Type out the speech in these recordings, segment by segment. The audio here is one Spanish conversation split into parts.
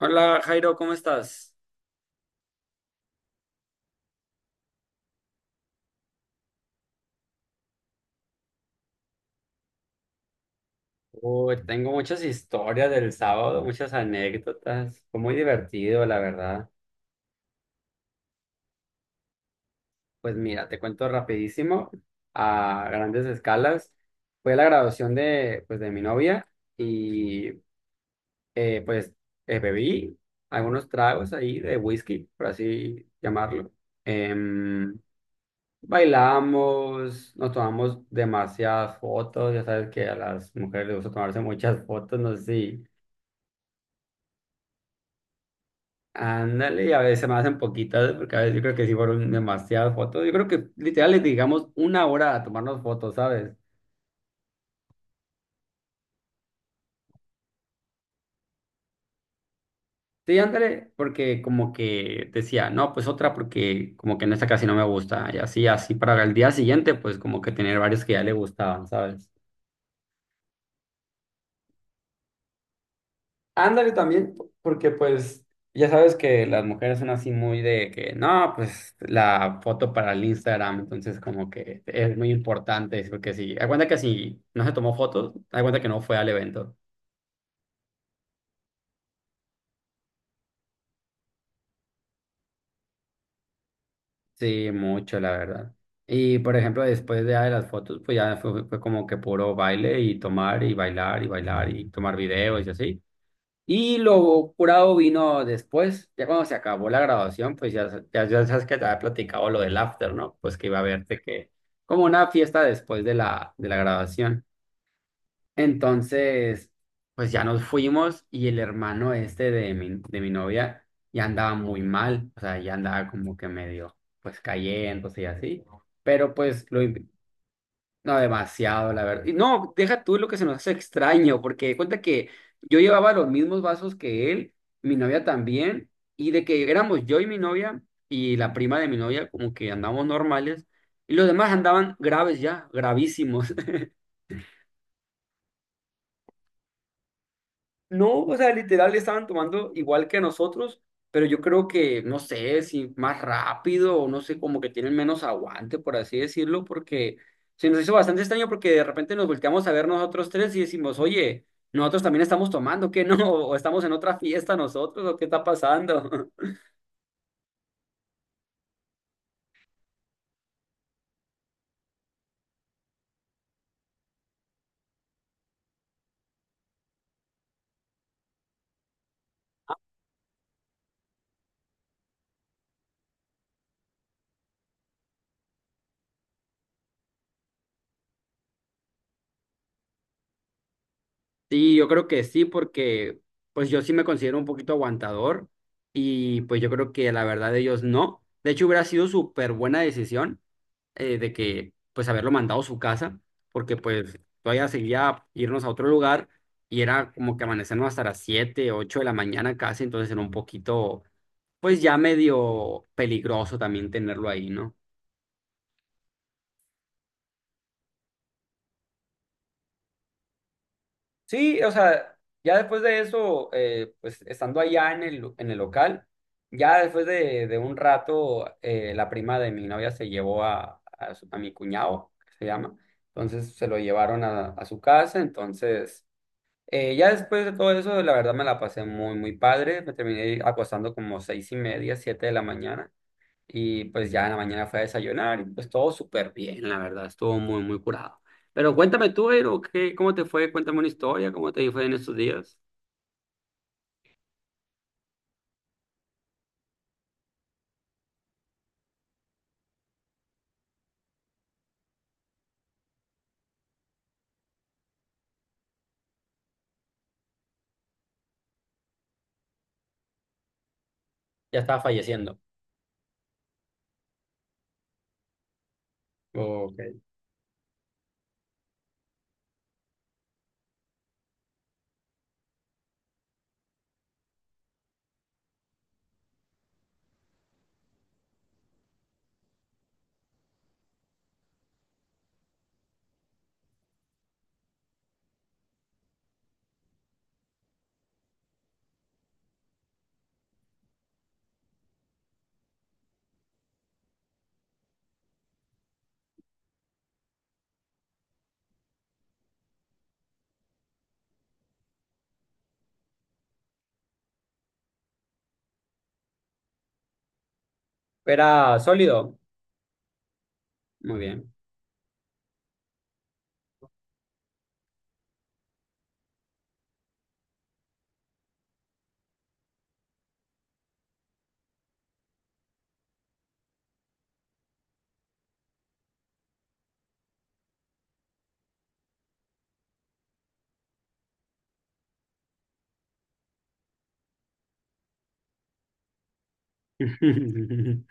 Hola Jairo, ¿cómo estás? Uy, tengo muchas historias del sábado, muchas anécdotas. Fue muy divertido, la verdad. Pues mira, te cuento rapidísimo, a grandes escalas. Fue la graduación de, pues, de mi novia y eh, pues bebí algunos tragos ahí de whisky, por así llamarlo. Em, bailamos, nos tomamos demasiadas fotos. Ya sabes que a las mujeres les gusta tomarse muchas fotos, no sé si. Ándale, y a veces me hacen poquitas, porque a veces yo creo que sí fueron demasiadas fotos. Yo creo que literal les digamos una hora a tomarnos fotos, ¿sabes? Sí, ándale, porque como que decía, no, pues otra porque como que en esta casi no me gusta. Y así, así para el día siguiente, pues como que tener varios que ya le gustaban, ¿sabes? Ándale también, porque pues ya sabes que las mujeres son así muy de que no, pues la foto para el Instagram, entonces como que es muy importante, porque si, da cuenta que si no se tomó fotos, da cuenta que no fue al evento. Sí, mucho, la verdad. Y por ejemplo, después ya de las fotos, pues ya fue como que puro baile y tomar y bailar y bailar y tomar videos y así. Y lo curado vino después, ya cuando se acabó la graduación, pues ya, ya sabes que te había platicado lo del after, ¿no? Pues que iba a verte que como una fiesta después de de la graduación. Entonces, pues ya nos fuimos y el hermano este de mi novia ya andaba muy mal, o sea, ya andaba como que medio, pues cayendo y así, pero pues lo, no, demasiado, la verdad. Y no, deja tú lo que se nos hace extraño, porque de cuenta que yo llevaba los mismos vasos que él, mi novia también, y de que éramos yo y mi novia y la prima de mi novia, como que andábamos normales, y los demás andaban graves ya, gravísimos. No, o sea, literal estaban tomando igual que nosotros, pero yo creo que, no sé, si más rápido o no sé, como que tienen menos aguante, por así decirlo, porque se nos hizo bastante extraño porque de repente nos volteamos a ver nosotros tres y decimos, oye, nosotros también estamos tomando, ¿qué no? ¿O estamos en otra fiesta nosotros? ¿O qué está pasando? Sí, yo creo que sí, porque pues yo sí me considero un poquito aguantador y pues yo creo que la verdad ellos no. De hecho, hubiera sido súper buena decisión de que pues haberlo mandado a su casa, porque pues todavía seguía irnos a otro lugar y era como que amanecernos hasta las 7 8 de la mañana casi, entonces era un poquito pues ya medio peligroso también tenerlo ahí, ¿no? Sí, o sea, ya después de eso, pues estando allá en en el local, ya después de un rato, la prima de mi novia se llevó a mi cuñado, que se llama, entonces se lo llevaron a su casa, entonces. Ya después de todo eso, la verdad me la pasé muy, muy padre. Me terminé acostando como seis y media, siete de la mañana. Y pues ya en la mañana fue a desayunar y pues todo súper bien, la verdad. Estuvo muy, muy curado. Pero cuéntame tú, Eiro, ¿qué, cómo te fue? Cuéntame una historia, ¿cómo te fue en estos días? Ya estaba falleciendo. Ok. Era sólido. Muy bien.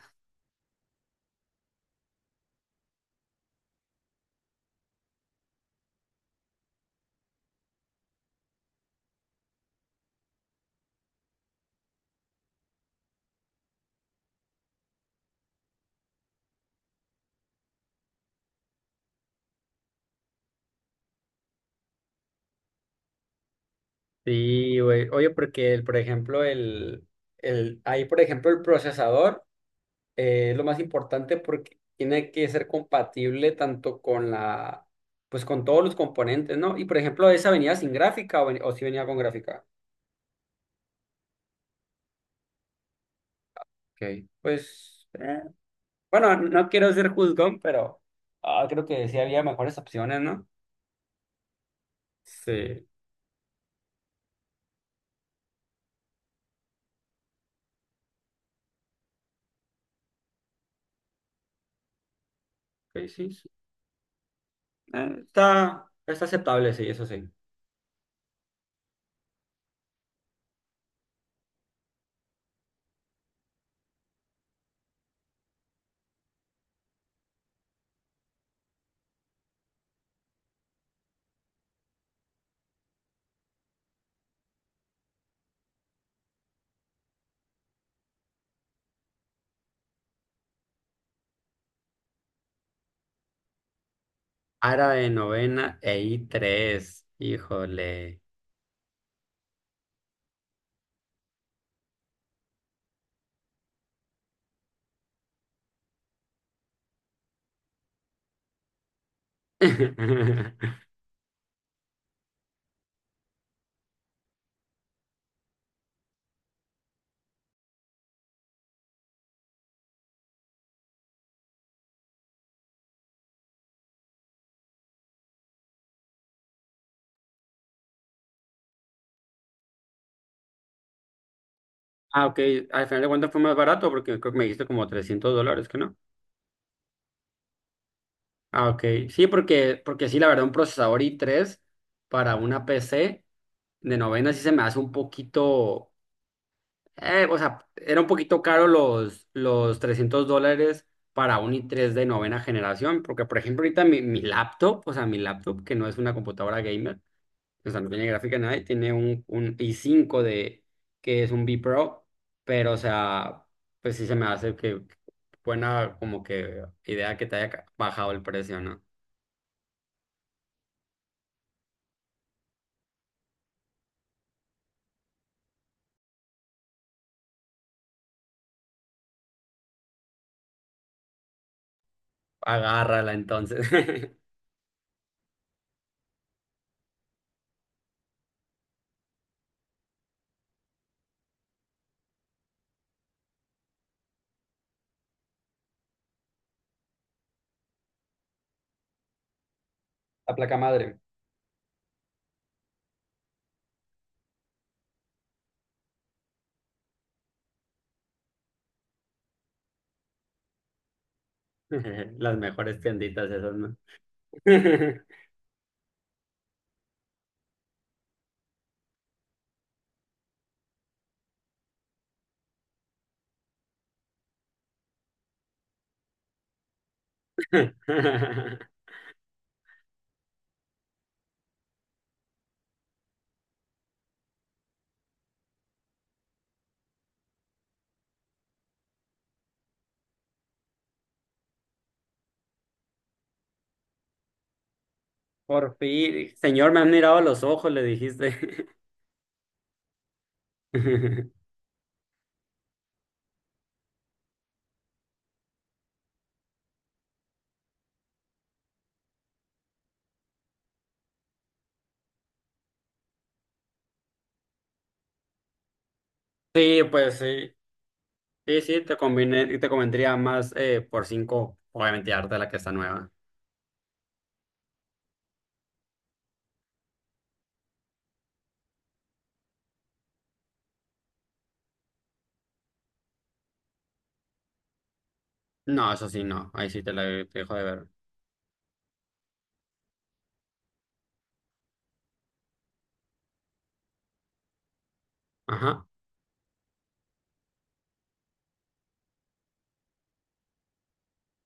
Sí, güey. Oye, porque, el- por ejemplo, el, ahí, por ejemplo, el procesador. Lo más importante porque tiene que ser compatible tanto con la, pues con todos los componentes, ¿no? Y por ejemplo, esa venía sin gráfica o, ven- o si venía con gráfica. Ok. Pues, bueno, no quiero ser juzgón, pero creo que sí había mejores opciones, ¿no? Sí, ok, sí, sí. Está, está aceptable, sí, eso sí. Árabe novena e i tres híjole. Ah, ok, al final de cuentas fue más barato porque creo que me dijiste como 300 dólares, ¿que no? Ah, ok. Sí, porque, porque sí, la verdad, un procesador i tres para una PC de novena sí se me hace un poquito, o sea, era un poquito caro los 300 dólares para un i tres de novena generación, porque por ejemplo ahorita mi laptop, o sea, mi laptop que no es una computadora gamer, o sea, no tiene gráfica ni nada, y tiene un i cinco de, que es un B Pro, pero o sea, pues sí se me hace que buena como que idea que te haya bajado el precio, ¿no? Agárrala entonces. La placa madre. Las mejores tienditas esas, ¿no? Por fin, señor, me han mirado a los ojos, le dijiste. Sí, pues sí. Sí, sí, te conviene, te convendría más por cinco, obviamente, darte la que está nueva. No, eso sí, no. Ahí sí te la te dejo de ver. Ajá.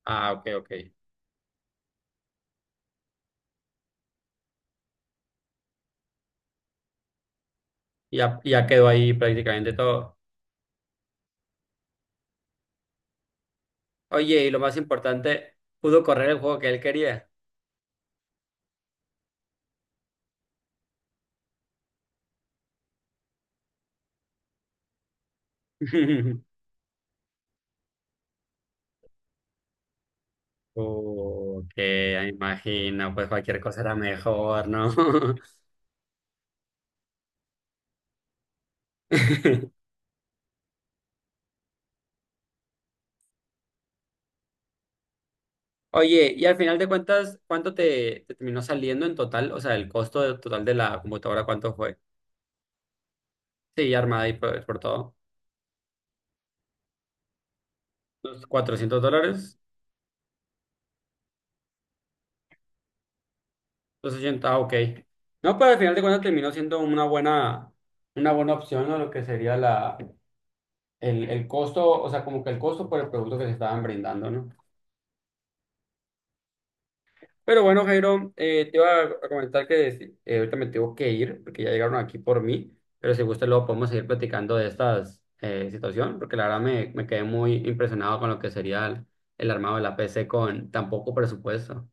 Ah, ok, ok. Ya, ya quedó ahí prácticamente todo. Oye, y lo más importante, pudo correr el juego que él quería. Que imagino, pues cualquier cosa era mejor, ¿no? Oye, y al final de cuentas, ¿cuánto te, te terminó saliendo en total? O sea, el costo de- total de la computadora, ¿cuánto fue? Sí, armada y por todo. ¿Los 400 dólares? Los ochenta. Ah, ok. No, pero al final de cuentas terminó siendo una buena opción, ¿no? Lo que sería la, el costo, o sea, como que el costo por el producto que se estaban brindando, ¿no? Pero bueno, Jairo, te iba a comentar que si- ahorita me tengo que ir porque ya llegaron aquí por mí, pero si gusta luego podemos seguir platicando de estas situación, porque la verdad me, me quedé muy impresionado con lo que sería el armado de la PC con tan poco presupuesto.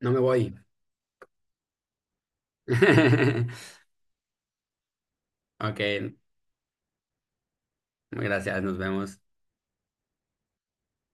No me voy. Ok, gracias, nos vemos.